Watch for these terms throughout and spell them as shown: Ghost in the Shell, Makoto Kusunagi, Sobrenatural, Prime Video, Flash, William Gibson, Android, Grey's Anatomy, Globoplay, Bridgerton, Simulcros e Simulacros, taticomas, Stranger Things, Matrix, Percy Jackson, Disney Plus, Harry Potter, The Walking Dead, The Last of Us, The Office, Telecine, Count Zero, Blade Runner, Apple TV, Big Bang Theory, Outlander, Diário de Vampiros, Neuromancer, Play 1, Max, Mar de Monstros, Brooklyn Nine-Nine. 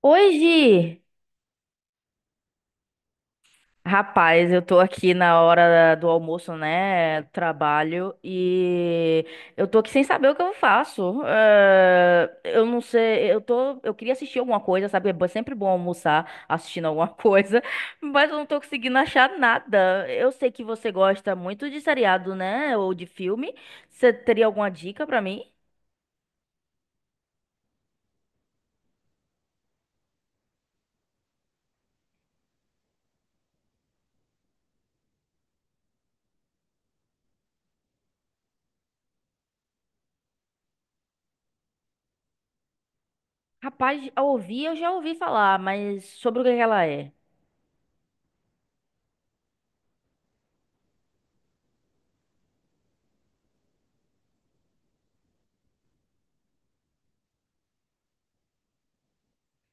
Hoje, rapaz, eu tô aqui na hora do almoço, né? Trabalho e eu tô aqui sem saber o que eu faço. Eu não sei, eu queria assistir alguma coisa, sabe? Sempre bom almoçar assistindo alguma coisa, mas eu não tô conseguindo achar nada. Eu sei que você gosta muito de seriado, né? Ou de filme. Você teria alguma dica pra mim? Rapaz, eu já ouvi falar, mas sobre o que que ela é?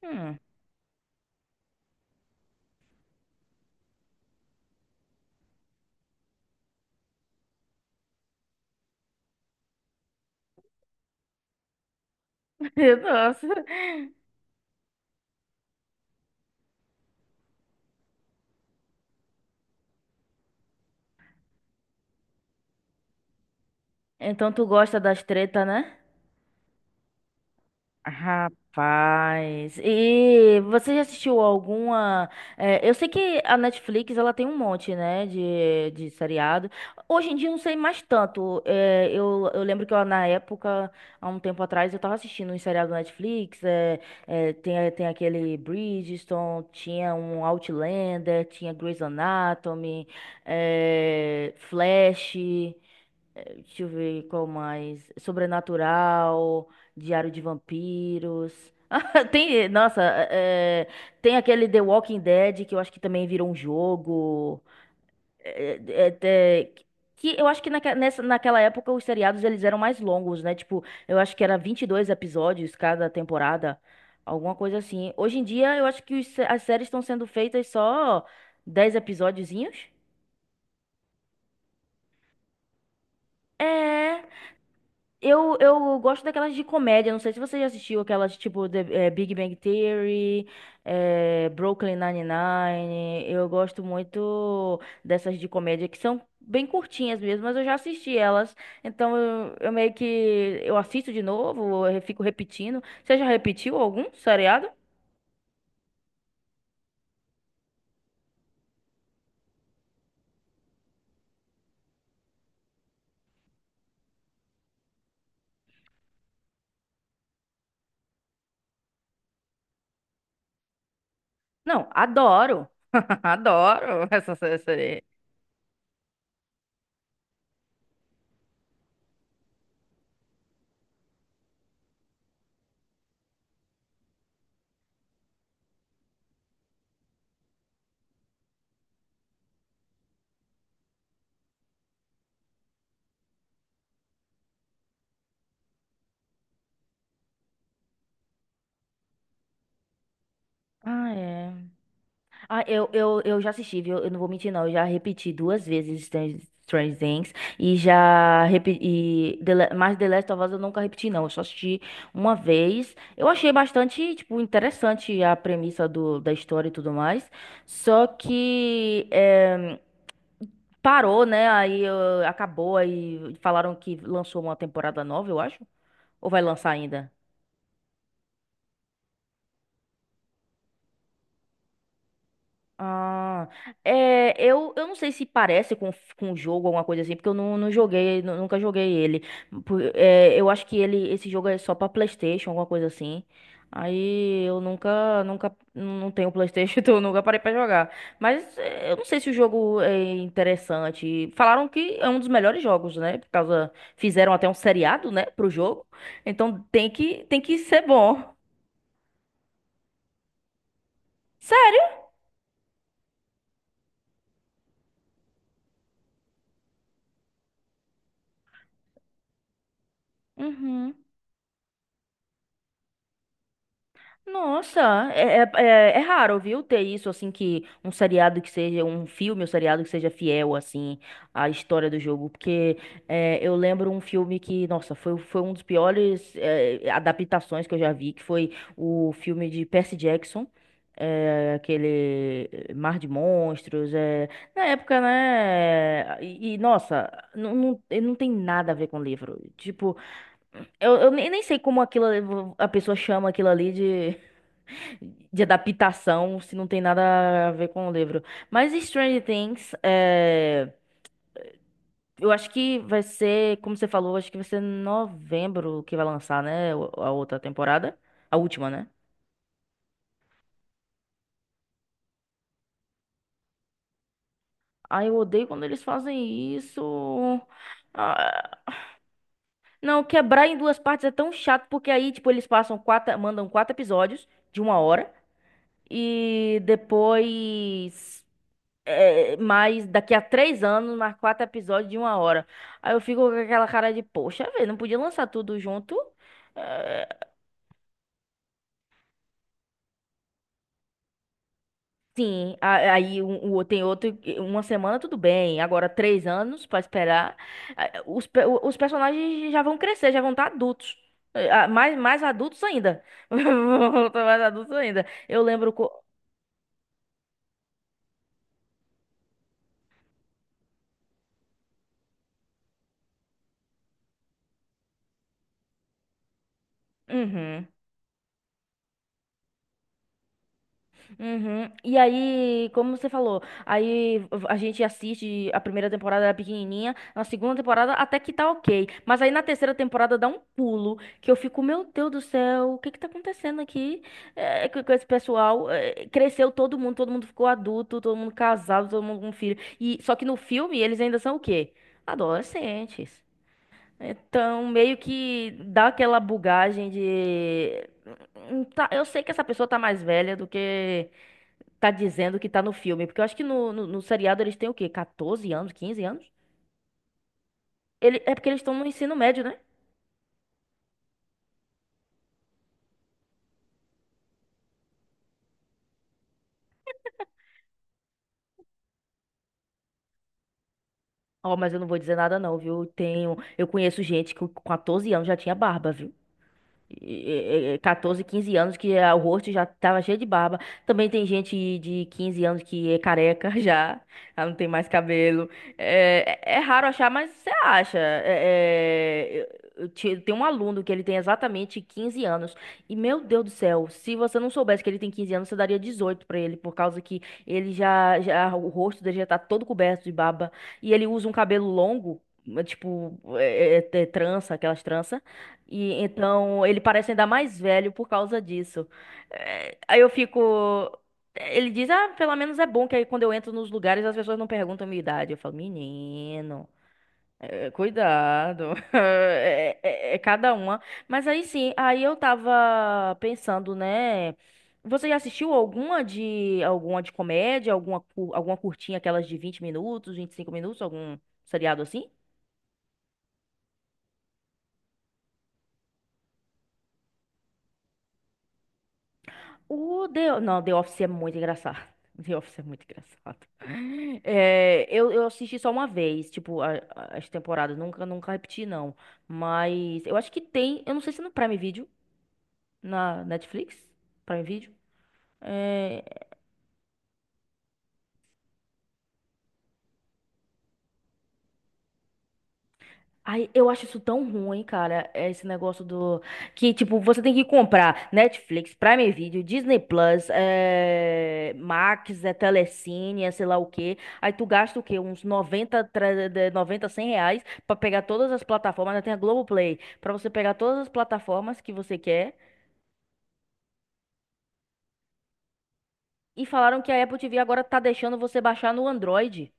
Hum. Nossa. Então tu gosta das tretas, né? Rapaz. E você já assistiu alguma? Eu sei que a Netflix ela tem um monte, né, de seriado. Hoje em dia eu não sei mais tanto. Eu lembro que eu, na época, há um tempo atrás, eu tava assistindo um seriado da Netflix. Tem aquele Bridgerton, tinha um Outlander, tinha Grey's Anatomy, Flash. Deixa eu ver qual mais. Sobrenatural, Diário de Vampiros. É, tem aquele The Walking Dead que eu acho que também virou um jogo. É, é, é, é, que eu acho que naquela época os seriados eles eram mais longos, né? Tipo, eu acho que era 22 episódios cada temporada, alguma coisa assim. Hoje em dia eu acho que os se- as séries estão sendo feitas só 10 episódiozinhos. É. Eu gosto daquelas de comédia. Não sei se você já assistiu aquelas tipo Big Bang Theory, Brooklyn Nine-Nine. Eu gosto muito dessas de comédia que são bem curtinhas mesmo, mas eu já assisti elas. Então eu meio que eu assisto de novo, eu fico repetindo. Você já repetiu algum seriado? Não, adoro. Adoro essa série. Ah, é. Eu já assisti, viu? Eu não vou mentir, não. Eu já repeti duas vezes Strange Things e já repeti. Mas The Last of Us eu nunca repeti, não. Eu só assisti uma vez. Eu achei bastante, tipo, interessante a premissa da história e tudo mais. Só que parou, né? Acabou, aí falaram que lançou uma temporada nova, eu acho. Ou vai lançar ainda? Ah, É, eu não sei se parece com, um jogo, alguma coisa assim, porque eu não, não joguei, nunca joguei ele. Eu acho que ele, esse jogo é só pra PlayStation, alguma coisa assim. Aí eu nunca, nunca, não tenho PlayStation, então eu nunca parei pra jogar. Mas é, eu não sei se o jogo é interessante. Falaram que é um dos melhores jogos, né? Por causa, fizeram até um seriado, né, pro jogo. Então tem que ser bom. Sério? Uhum. Nossa, é, é, é- É raro, viu, ter isso, assim, que um seriado que seja, um filme ou seriado que seja fiel, assim, à história do jogo, porque eu lembro um filme que, nossa, foi um dos piores adaptações que eu já vi, que foi o filme de Percy Jackson, aquele Mar de Monstros, na época, né, e, nossa, não tem nada a ver com o livro, tipo. Eu nem sei como aquilo, a pessoa chama aquilo ali de adaptação, se não tem nada a ver com o livro. Mas Stranger Things, eu acho que vai ser, como você falou, acho que vai ser novembro que vai lançar, né? A outra temporada. A última, né? Ai, eu odeio quando eles fazem isso. Ah, não, quebrar em duas partes é tão chato, porque aí, tipo, mandam quatro episódios de uma hora. E depois. Mas daqui a três anos, mais quatro episódios de uma hora. Aí eu fico com aquela cara de, poxa, velho, não podia lançar tudo junto? É, Tem outro, uma semana tudo bem, agora três anos pra esperar. Os personagens já vão crescer, já vão estar adultos. Mais, mais adultos ainda. Vão tá mais adultos ainda. Eu lembro. Uhum. Uhum. E aí, como você falou, aí a gente assiste a primeira temporada era pequenininha, na segunda temporada até que tá ok, mas aí na terceira temporada dá um pulo que eu fico, meu Deus do céu, o que que tá acontecendo aqui com esse pessoal? Cresceu todo mundo ficou adulto, todo mundo casado, todo mundo com filho. E só que no filme eles ainda são o quê? Adolescentes. Então, meio que dá aquela bugagem de. Tá, eu sei que essa pessoa tá mais velha do que tá dizendo que tá no filme. Porque eu acho que no seriado eles têm o quê? 14 anos, 15 anos? É porque eles estão no ensino médio, né? Ó, mas eu não vou dizer nada não, viu? Eu conheço gente que com 14 anos já tinha barba, viu? 14, 15 anos que ah, o rosto já tava cheio de barba. Também tem gente de 15 anos que é careca já, ela não tem mais cabelo. É raro achar, mas você acha. Tem um aluno que ele tem exatamente 15 anos. E, meu Deus do céu, se você não soubesse que ele tem 15 anos, você daria 18 pra ele, por causa que ele já, já, o rosto dele já tá todo coberto de barba. E ele usa um cabelo longo, tipo, trança, aquelas tranças. E então ele parece ainda mais velho por causa disso. Aí eu fico. Ele diz: Ah, pelo menos é bom que aí quando eu entro nos lugares as pessoas não perguntam minha idade. Eu falo: Menino, cuidado. É cada uma. Mas aí sim, aí eu tava pensando, né? Você já assistiu alguma de comédia, alguma, alguma curtinha, aquelas de 20 minutos, 25 minutos, algum seriado assim? O The. Não, The Office é muito engraçado. The Office é muito engraçado. Eu assisti só uma vez, tipo, as temporadas. Nunca repeti, não. Mas eu acho que tem. Eu não sei se é no Prime Video, na Netflix. Prime Video. é, Ai, eu acho isso tão ruim, cara. Esse negócio do. Que, tipo, você tem que comprar Netflix, Prime Video, Disney Plus, é. Max, é Telecine, é sei lá o quê. Aí tu gasta o quê? Uns 90 100 reais pra pegar todas as plataformas. Ainda tem a Globoplay. Pra você pegar todas as plataformas que você quer. E falaram que a Apple TV agora tá deixando você baixar no Android.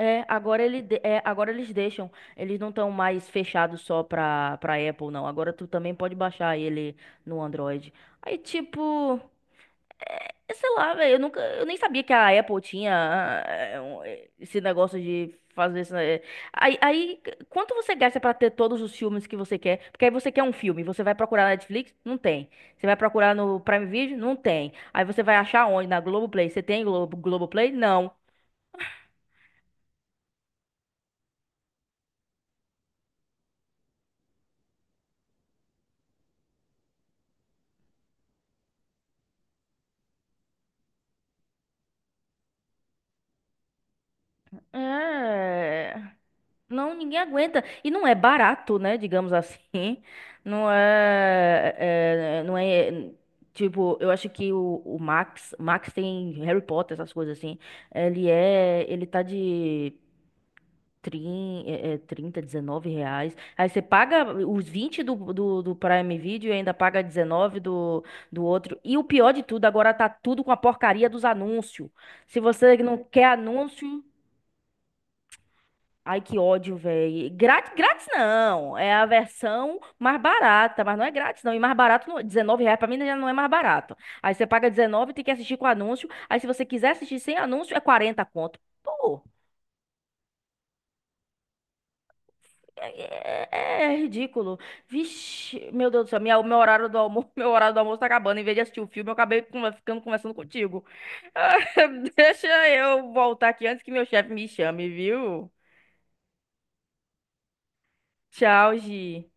É, agora eles deixam. Eles não estão mais fechados só pra Apple, não. Agora tu também pode baixar ele no Android. Aí, tipo, eu sei lá, velho, eu nem sabia que a Apple tinha esse negócio de fazer isso. Aí, quanto você gasta pra ter todos os filmes que você quer? Porque aí você quer um filme, você vai procurar na Netflix? Não tem. Você vai procurar no Prime Video? Não tem. Aí você vai achar onde? Na Globoplay? Você tem Globo, Globoplay? Não. É. Não, ninguém aguenta. E não é barato, né? Digamos assim. Não é tipo, eu acho que o Max, Max tem Harry Potter, essas coisas assim. Ele tá de 30, R$19. Aí você paga os 20 do Prime Video e ainda paga 19 do outro. E o pior de tudo, agora tá tudo com a porcaria dos anúncios. Se você não quer anúncio. Ai, que ódio, velho. Grátis não. É a versão mais barata, mas não é grátis, não. E mais barato, não. R$19,00 pra mim já não é mais barato. Aí você paga R$19,00 e tem que assistir com anúncio. Aí se você quiser assistir sem anúncio, é 40 conto. Pô, é ridículo. Vixe, meu Deus do céu, meu horário do almoço, meu horário do almoço tá acabando. Em vez de assistir o filme, eu acabei ficando conversando contigo. Deixa eu voltar aqui antes que meu chefe me chame, viu? Tchau, Gi.